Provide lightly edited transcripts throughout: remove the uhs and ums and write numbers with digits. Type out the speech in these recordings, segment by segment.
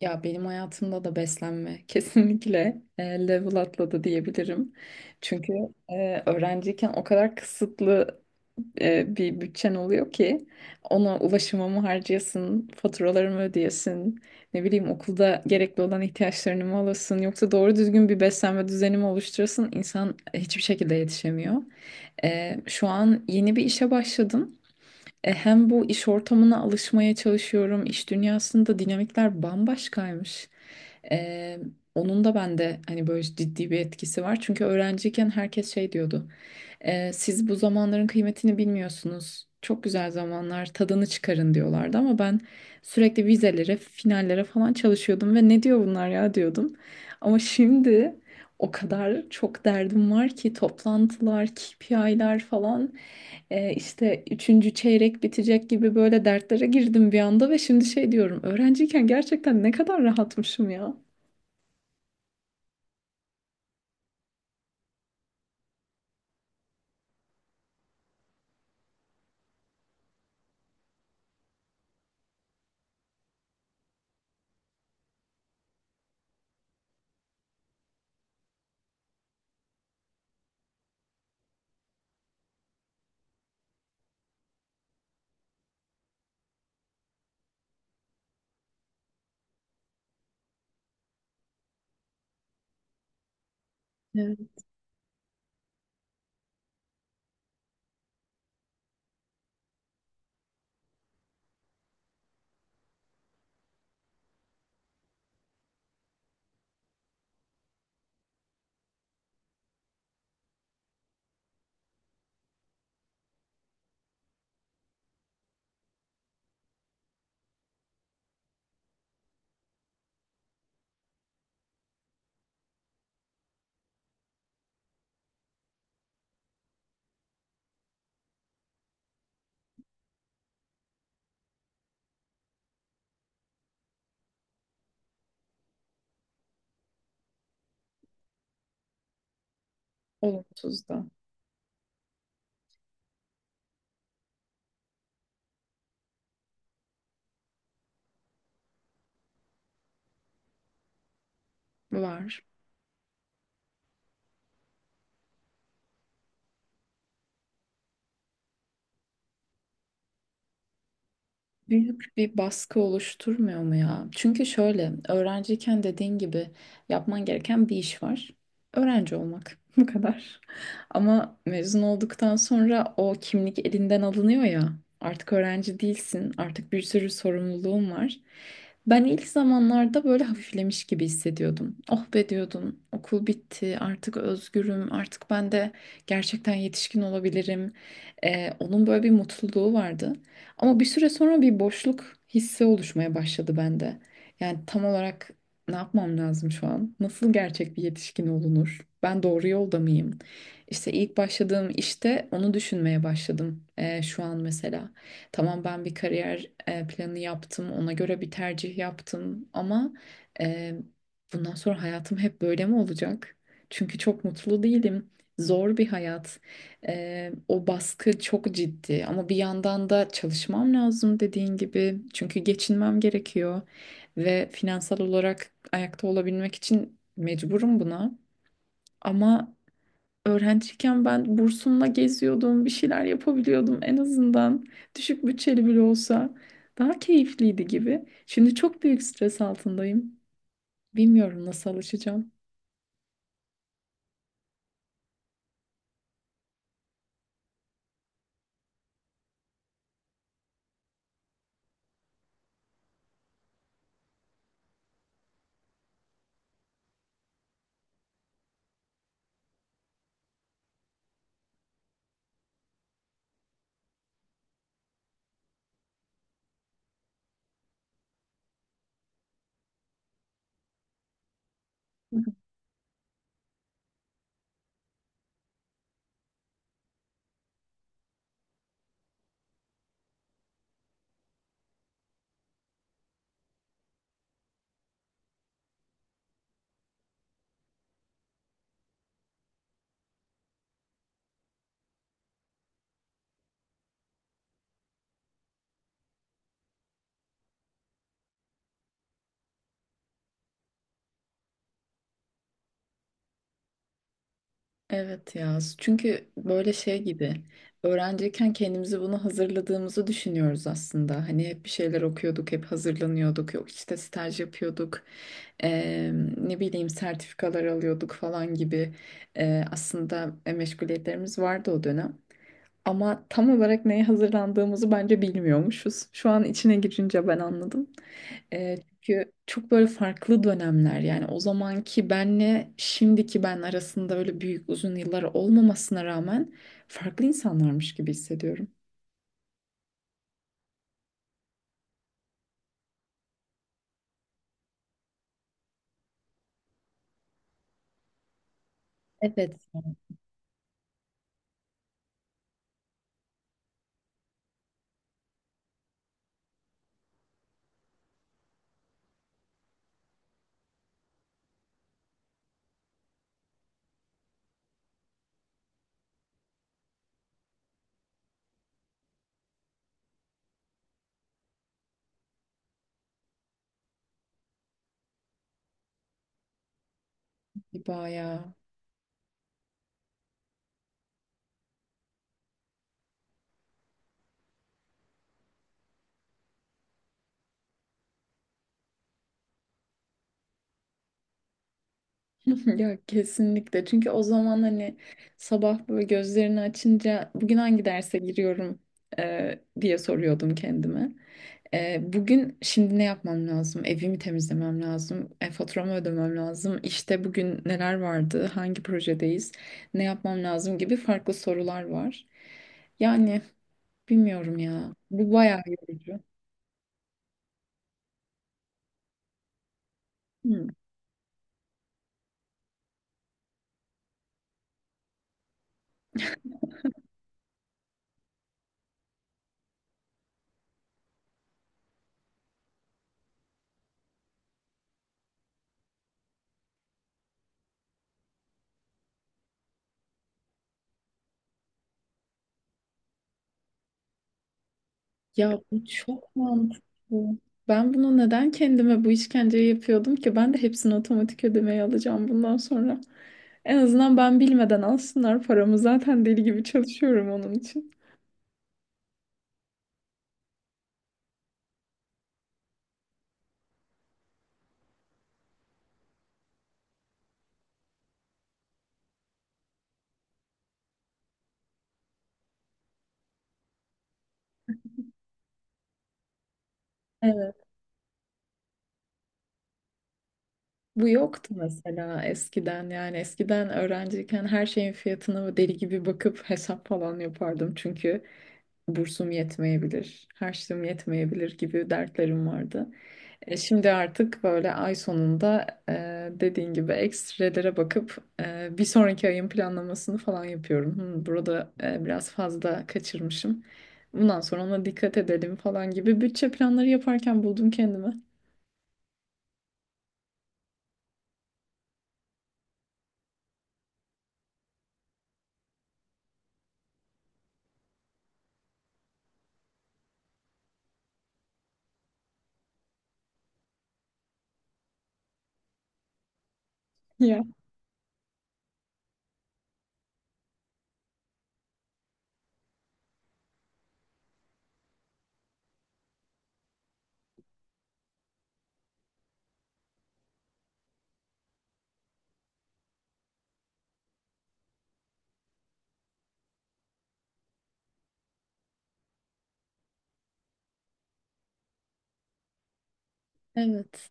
Ya benim hayatımda da beslenme kesinlikle level atladı diyebilirim. Çünkü öğrenciyken o kadar kısıtlı bir bütçen oluyor ki ona ulaşımımı harcayasın, faturalarımı ödeyesin, ne bileyim okulda gerekli olan ihtiyaçlarını mı alasın yoksa doğru düzgün bir beslenme düzeni mi oluşturasın insan hiçbir şekilde yetişemiyor. Şu an yeni bir işe başladım. Hem bu iş ortamına alışmaya çalışıyorum. İş dünyasında dinamikler bambaşkaymış. E, Onun da bende hani böyle ciddi bir etkisi var. Çünkü öğrenciyken herkes şey diyordu. Siz bu zamanların kıymetini bilmiyorsunuz. Çok güzel zamanlar, tadını çıkarın diyorlardı ama ben sürekli vizelere, finallere falan çalışıyordum ve ne diyor bunlar ya diyordum. Ama şimdi o kadar çok derdim var ki toplantılar, KPI'ler falan, işte üçüncü çeyrek bitecek gibi böyle dertlere girdim bir anda ve şimdi şey diyorum öğrenciyken gerçekten ne kadar rahatmışım ya. Evet. Olumsuz da var. Büyük bir baskı oluşturmuyor mu ya? Çünkü şöyle öğrenciyken dediğin gibi yapman gereken bir iş var. Öğrenci olmak bu kadar. Ama mezun olduktan sonra o kimlik elinden alınıyor ya. Artık öğrenci değilsin. Artık bir sürü sorumluluğun var. Ben ilk zamanlarda böyle hafiflemiş gibi hissediyordum. Oh be diyordum. Okul bitti. Artık özgürüm. Artık ben de gerçekten yetişkin olabilirim. Onun böyle bir mutluluğu vardı. Ama bir süre sonra bir boşluk hissi oluşmaya başladı bende. Yani tam olarak ne yapmam lazım şu an? Nasıl gerçek bir yetişkin olunur? Ben doğru yolda mıyım? İşte ilk başladığım işte onu düşünmeye başladım şu an mesela. Tamam ben bir kariyer planı yaptım, ona göre bir tercih yaptım ama eee, bundan sonra hayatım hep böyle mi olacak? Çünkü çok mutlu değilim. Zor bir hayat. O baskı çok ciddi ama bir yandan da çalışmam lazım dediğin gibi. Çünkü geçinmem gerekiyor ve finansal olarak ayakta olabilmek için mecburum buna. Ama öğrenciyken ben bursumla geziyordum, bir şeyler yapabiliyordum en azından. Düşük bütçeli bile olsa daha keyifliydi gibi. Şimdi çok büyük stres altındayım. Bilmiyorum nasıl alışacağım. Evet ya. Çünkü böyle şey gibi öğrenciyken kendimizi bunu hazırladığımızı düşünüyoruz aslında. Hani hep bir şeyler okuyorduk, hep hazırlanıyorduk. Yok işte staj yapıyorduk. eee, Ne bileyim sertifikalar alıyorduk falan gibi. Aslında meşguliyetlerimiz vardı o dönem. Ama tam olarak neye hazırlandığımızı bence bilmiyormuşuz. Şu an içine girince ben anladım. Çünkü çok böyle farklı dönemler yani o zamanki benle şimdiki ben arasında öyle büyük uzun yıllar olmamasına rağmen farklı insanlarmış gibi hissediyorum. Evet. Bayağı. Ya kesinlikle çünkü o zaman hani sabah böyle gözlerini açınca bugün hangi derse giriyorum diye soruyordum kendime. Bugün şimdi ne yapmam lazım? Evimi temizlemem lazım. Faturamı ödemem lazım. İşte bugün neler vardı? Hangi projedeyiz? Ne yapmam lazım gibi farklı sorular var. Yani bilmiyorum ya. Bu bayağı yorucu. Hmm. Ya bu çok mantıklı. Ben bunu neden kendime bu işkenceyi yapıyordum ki? Ben de hepsini otomatik ödemeye alacağım bundan sonra. En azından ben bilmeden alsınlar paramı. Zaten deli gibi çalışıyorum onun için. Bu yoktu mesela eskiden yani eskiden öğrenciyken her şeyin fiyatına deli gibi bakıp hesap falan yapardım çünkü bursum yetmeyebilir, harçlığım yetmeyebilir gibi dertlerim vardı. Şimdi artık böyle ay sonunda dediğin gibi ekstrelere bakıp bir sonraki ayın planlamasını falan yapıyorum. Hmm, burada biraz fazla kaçırmışım. Bundan sonra ona dikkat edelim falan gibi bütçe planları yaparken buldum kendimi. Ya. Evet.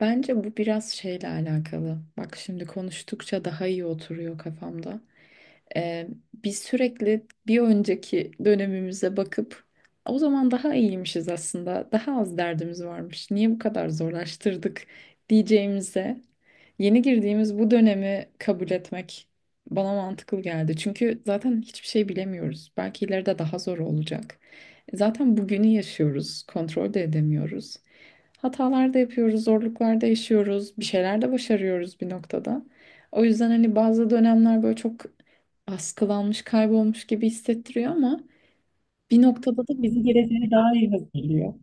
Bence bu biraz şeyle alakalı. Bak şimdi konuştukça daha iyi oturuyor kafamda. Ee, Biz sürekli bir önceki dönemimize bakıp o zaman daha iyiymişiz aslında. Daha az derdimiz varmış. Niye bu kadar zorlaştırdık diyeceğimize yeni girdiğimiz bu dönemi kabul etmek bana mantıklı geldi. Çünkü zaten hiçbir şey bilemiyoruz. Belki ileride daha zor olacak. Zaten bugünü yaşıyoruz, kontrol de edemiyoruz. Hatalar da yapıyoruz, zorluklar da yaşıyoruz, bir şeyler de başarıyoruz bir noktada. O yüzden hani bazı dönemler böyle çok askılanmış, kaybolmuş gibi hissettiriyor ama bir noktada da bizi geleceğe daha iyi hazırlıyor.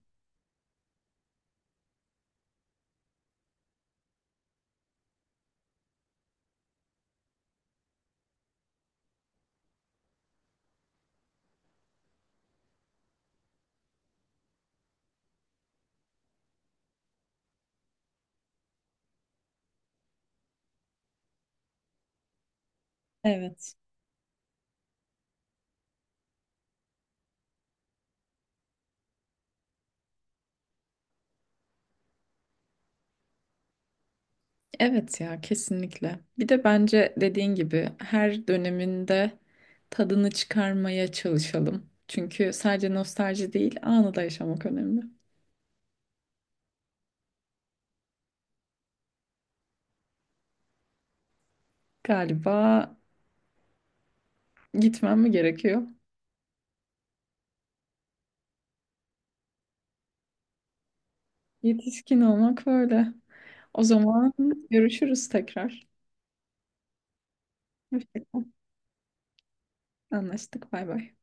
Evet. Evet ya kesinlikle. Bir de bence dediğin gibi her döneminde tadını çıkarmaya çalışalım. Çünkü sadece nostalji değil, anı da yaşamak önemli. Galiba gitmem mi gerekiyor? Yetişkin olmak böyle. O zaman görüşürüz tekrar. Hoşça kal. Anlaştık. Bay bay.